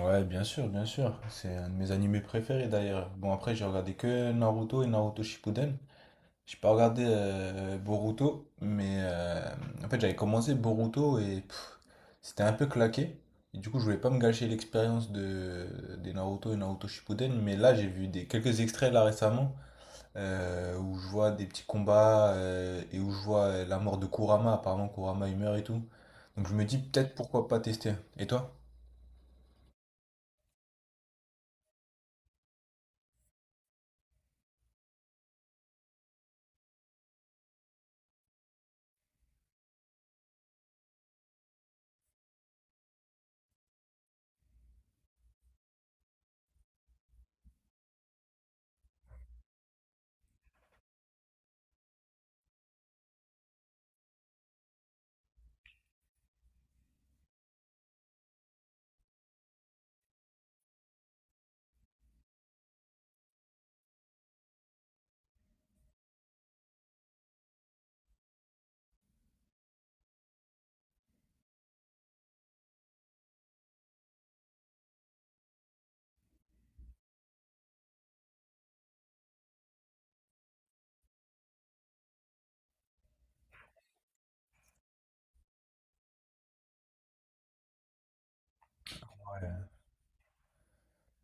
Ouais, bien sûr, bien sûr. C'est un de mes animés préférés d'ailleurs. Bon, après, j'ai regardé que Naruto et Naruto Shippuden. J'ai pas regardé Boruto, mais en fait, j'avais commencé Boruto et c'était un peu claqué. Et du coup, je voulais pas me gâcher l'expérience des Naruto et Naruto Shippuden, mais là, j'ai vu quelques extraits là récemment où je vois des petits combats et où je vois la mort de Kurama. Apparemment, Kurama il meurt et tout. Donc, je me dis peut-être pourquoi pas tester. Et toi?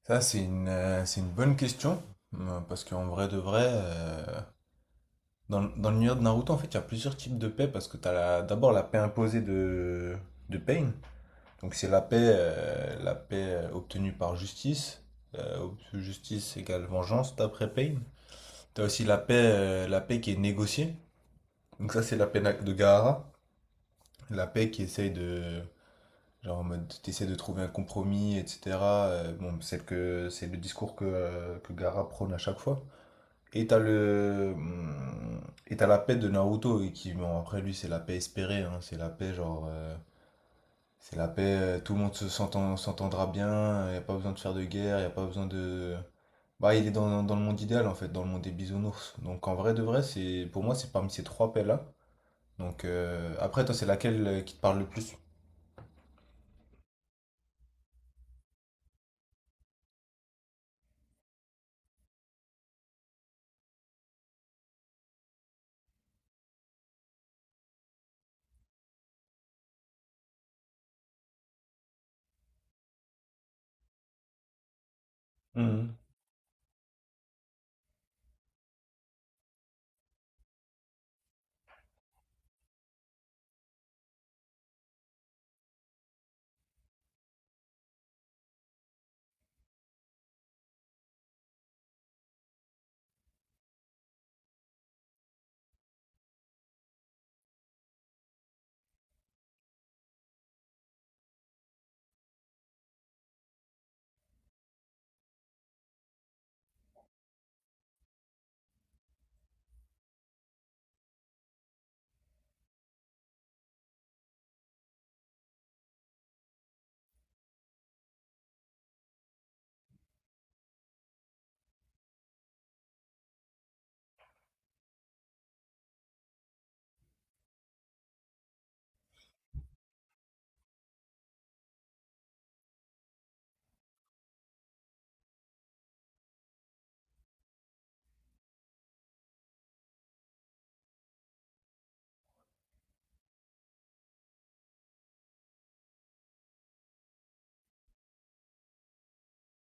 Ça, c'est c'est une bonne question. Parce qu'en vrai de vrai, dans l'univers de Naruto, en fait, il y a plusieurs types de paix. Parce que tu as d'abord la paix imposée de Pain. Donc, c'est la la paix obtenue par justice. Justice égale vengeance d'après Pain. Tu as aussi la la paix qui est négociée. Donc, ça, c'est la de Gaara. La paix qui essaye de. Genre en mode, t'essaies de trouver un compromis, etc. Bon, c'est que c'est le discours que Gaara prône à chaque fois. Et t'as le. Et t'as la paix de Naruto, et qui, bon, après lui, c'est la paix espérée, hein, c'est la paix, c'est la paix, tout le monde s'entendra bien, y a pas besoin de faire de guerre, y a pas besoin de. Bah, il est dans le monde idéal, en fait, dans le monde des bisounours. Donc, en vrai de vrai, c'est pour moi, c'est parmi ces trois paix-là. Donc, après, toi, c'est laquelle qui te parle le plus? Mhm.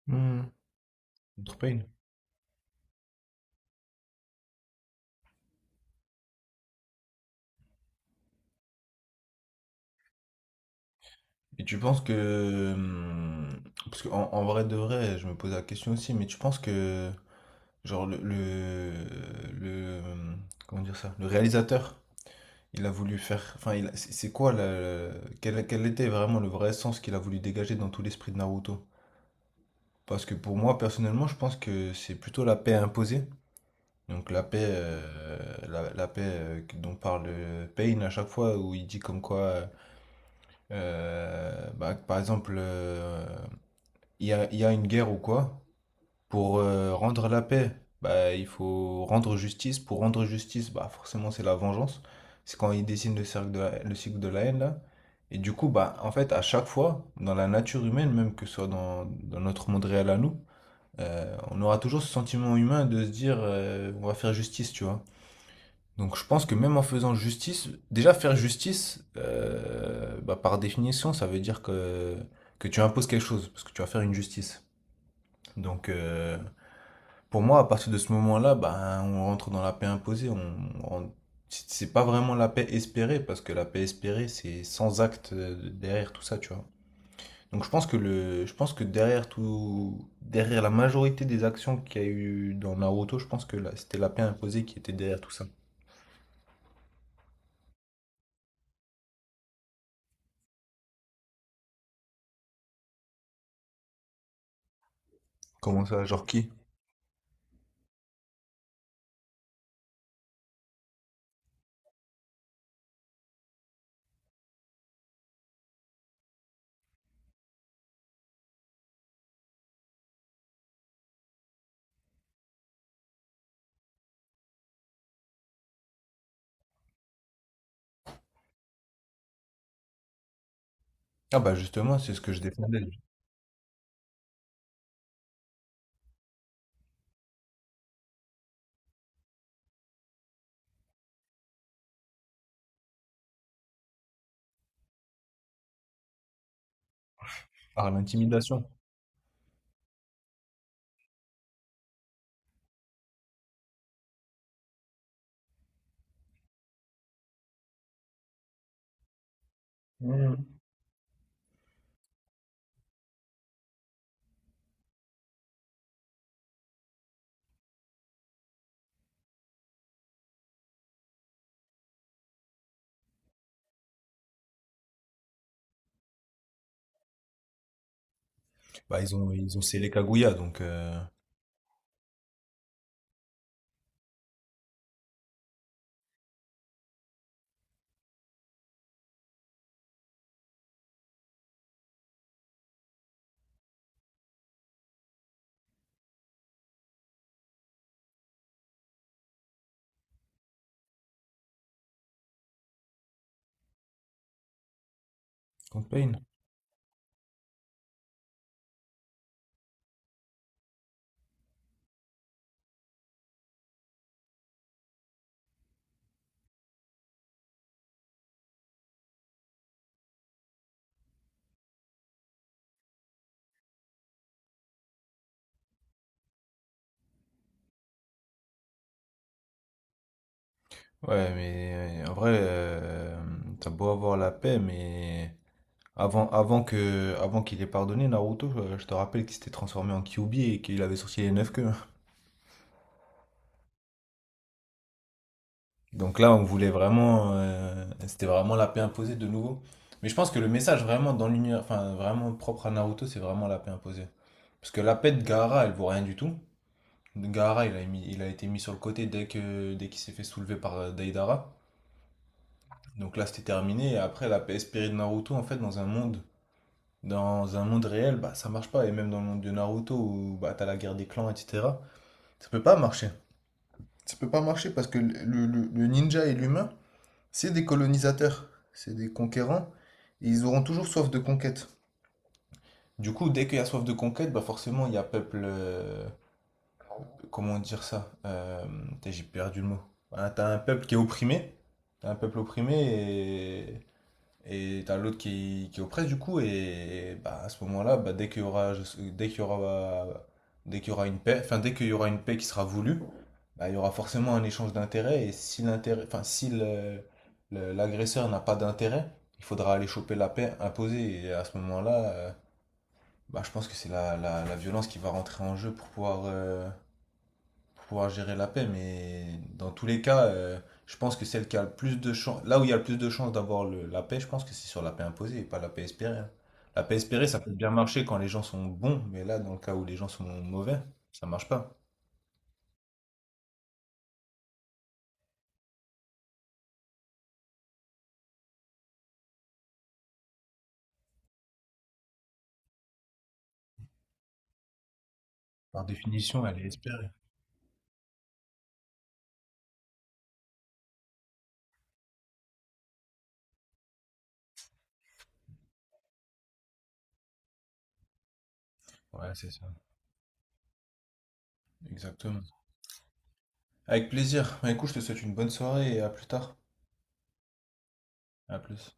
Hmm. Contre Pain. Et tu penses que. Parce qu'en en en vrai de vrai, je me pose la question aussi, mais tu penses que genre le- comment dire ça? Le réalisateur, il a voulu faire. Enfin, il a- c'est quoi la- quel était vraiment le vrai sens qu'il a voulu dégager dans tout l'esprit de Naruto? Parce que pour moi, personnellement, je pense que c'est plutôt la paix imposée. Donc la la paix dont parle Pain à chaque fois, où il dit comme quoi, bah, par exemple, il y a une guerre ou quoi, pour rendre la paix, bah, il faut rendre justice. Pour rendre justice, bah, forcément, c'est la vengeance. C'est quand ils dessinent le cercle de la- le cycle de la haine, là. Et du coup, bah, en fait, à chaque fois, dans la nature humaine, même que ce soit dans notre monde réel à nous, on aura toujours ce sentiment humain de se dire, on va faire justice, tu vois. Donc, je pense que même en faisant justice, déjà faire justice, bah, par définition, ça veut dire que tu imposes quelque chose, parce que tu vas faire une justice. Donc, pour moi, à partir de ce moment-là, ben, on rentre dans la paix imposée. On- c'est pas vraiment la paix espérée, parce que la paix espérée, c'est sans acte derrière tout ça, tu vois. Donc je pense que le, je pense que derrière tout, derrière la majorité des actions qu'il y a eu dans Naruto, je pense que là, c'était la paix imposée qui était derrière tout ça. Comment ça, genre qui? Ah bah justement, c'est ce que je défendais par l'intimidation. Hmm. Bah ils ont scellé Kaguya, donc campaign. Ouais, mais en vrai, t'as beau avoir la paix, mais avant, avant qu'il ait pardonné Naruto, je te rappelle qu'il s'était transformé en Kyuubi et qu'il avait sorti les 9 queues. Donc là, on voulait vraiment, c'était vraiment la paix imposée de nouveau. Mais je pense que le message vraiment dans l'univers, enfin vraiment propre à Naruto, c'est vraiment la paix imposée. Parce que la paix de Gaara, elle vaut rien du tout. Gaara, il a mis- il a été mis sur le côté dès qu'il s'est fait soulever par Deidara. Donc là, c'était terminé. Et après, la paix espérée de Naruto, en fait, dans un monde dans un monde réel, bah, ça marche pas. Et même dans le monde de Naruto, où bah, t'as la guerre des clans, etc., ça peut pas marcher. Ça peut pas marcher parce que le ninja et l'humain, c'est des colonisateurs, c'est des conquérants, et ils auront toujours soif de conquête. Du coup, dès qu'il y a soif de conquête, bah forcément, il y a comment dire ça? Putain, j'ai perdu le mot. Voilà, t'as un peuple qui est opprimé, t'as un peuple opprimé, et t'as l'autre qui oppresse du coup, et bah, à ce moment-là, bah, dès qu'il y aura, dès qu'il y aura une paix, enfin, dès qu'il y aura une paix qui sera voulue, bah, il y aura forcément un échange d'intérêts, et si l'intérêt, enfin, si le- le- l'agresseur n'a pas d'intérêt, il faudra aller choper la paix imposée, et à ce moment-là, bah, je pense que c'est la violence qui va rentrer en jeu pour pouvoir gérer la paix. Mais dans tous les cas, je pense que celle qui a le plus de chance, là où il y a le plus de chances d'avoir le- la paix, je pense que c'est sur la paix imposée et pas la paix espérée, hein. La paix espérée, ça peut bien marcher quand les gens sont bons, mais là, dans le cas où les gens sont mauvais, ça marche pas. Par définition, elle est espérée. Ouais, c'est ça. Exactement. Avec plaisir. Bah, écoute, je te souhaite une bonne soirée et à plus tard. À plus.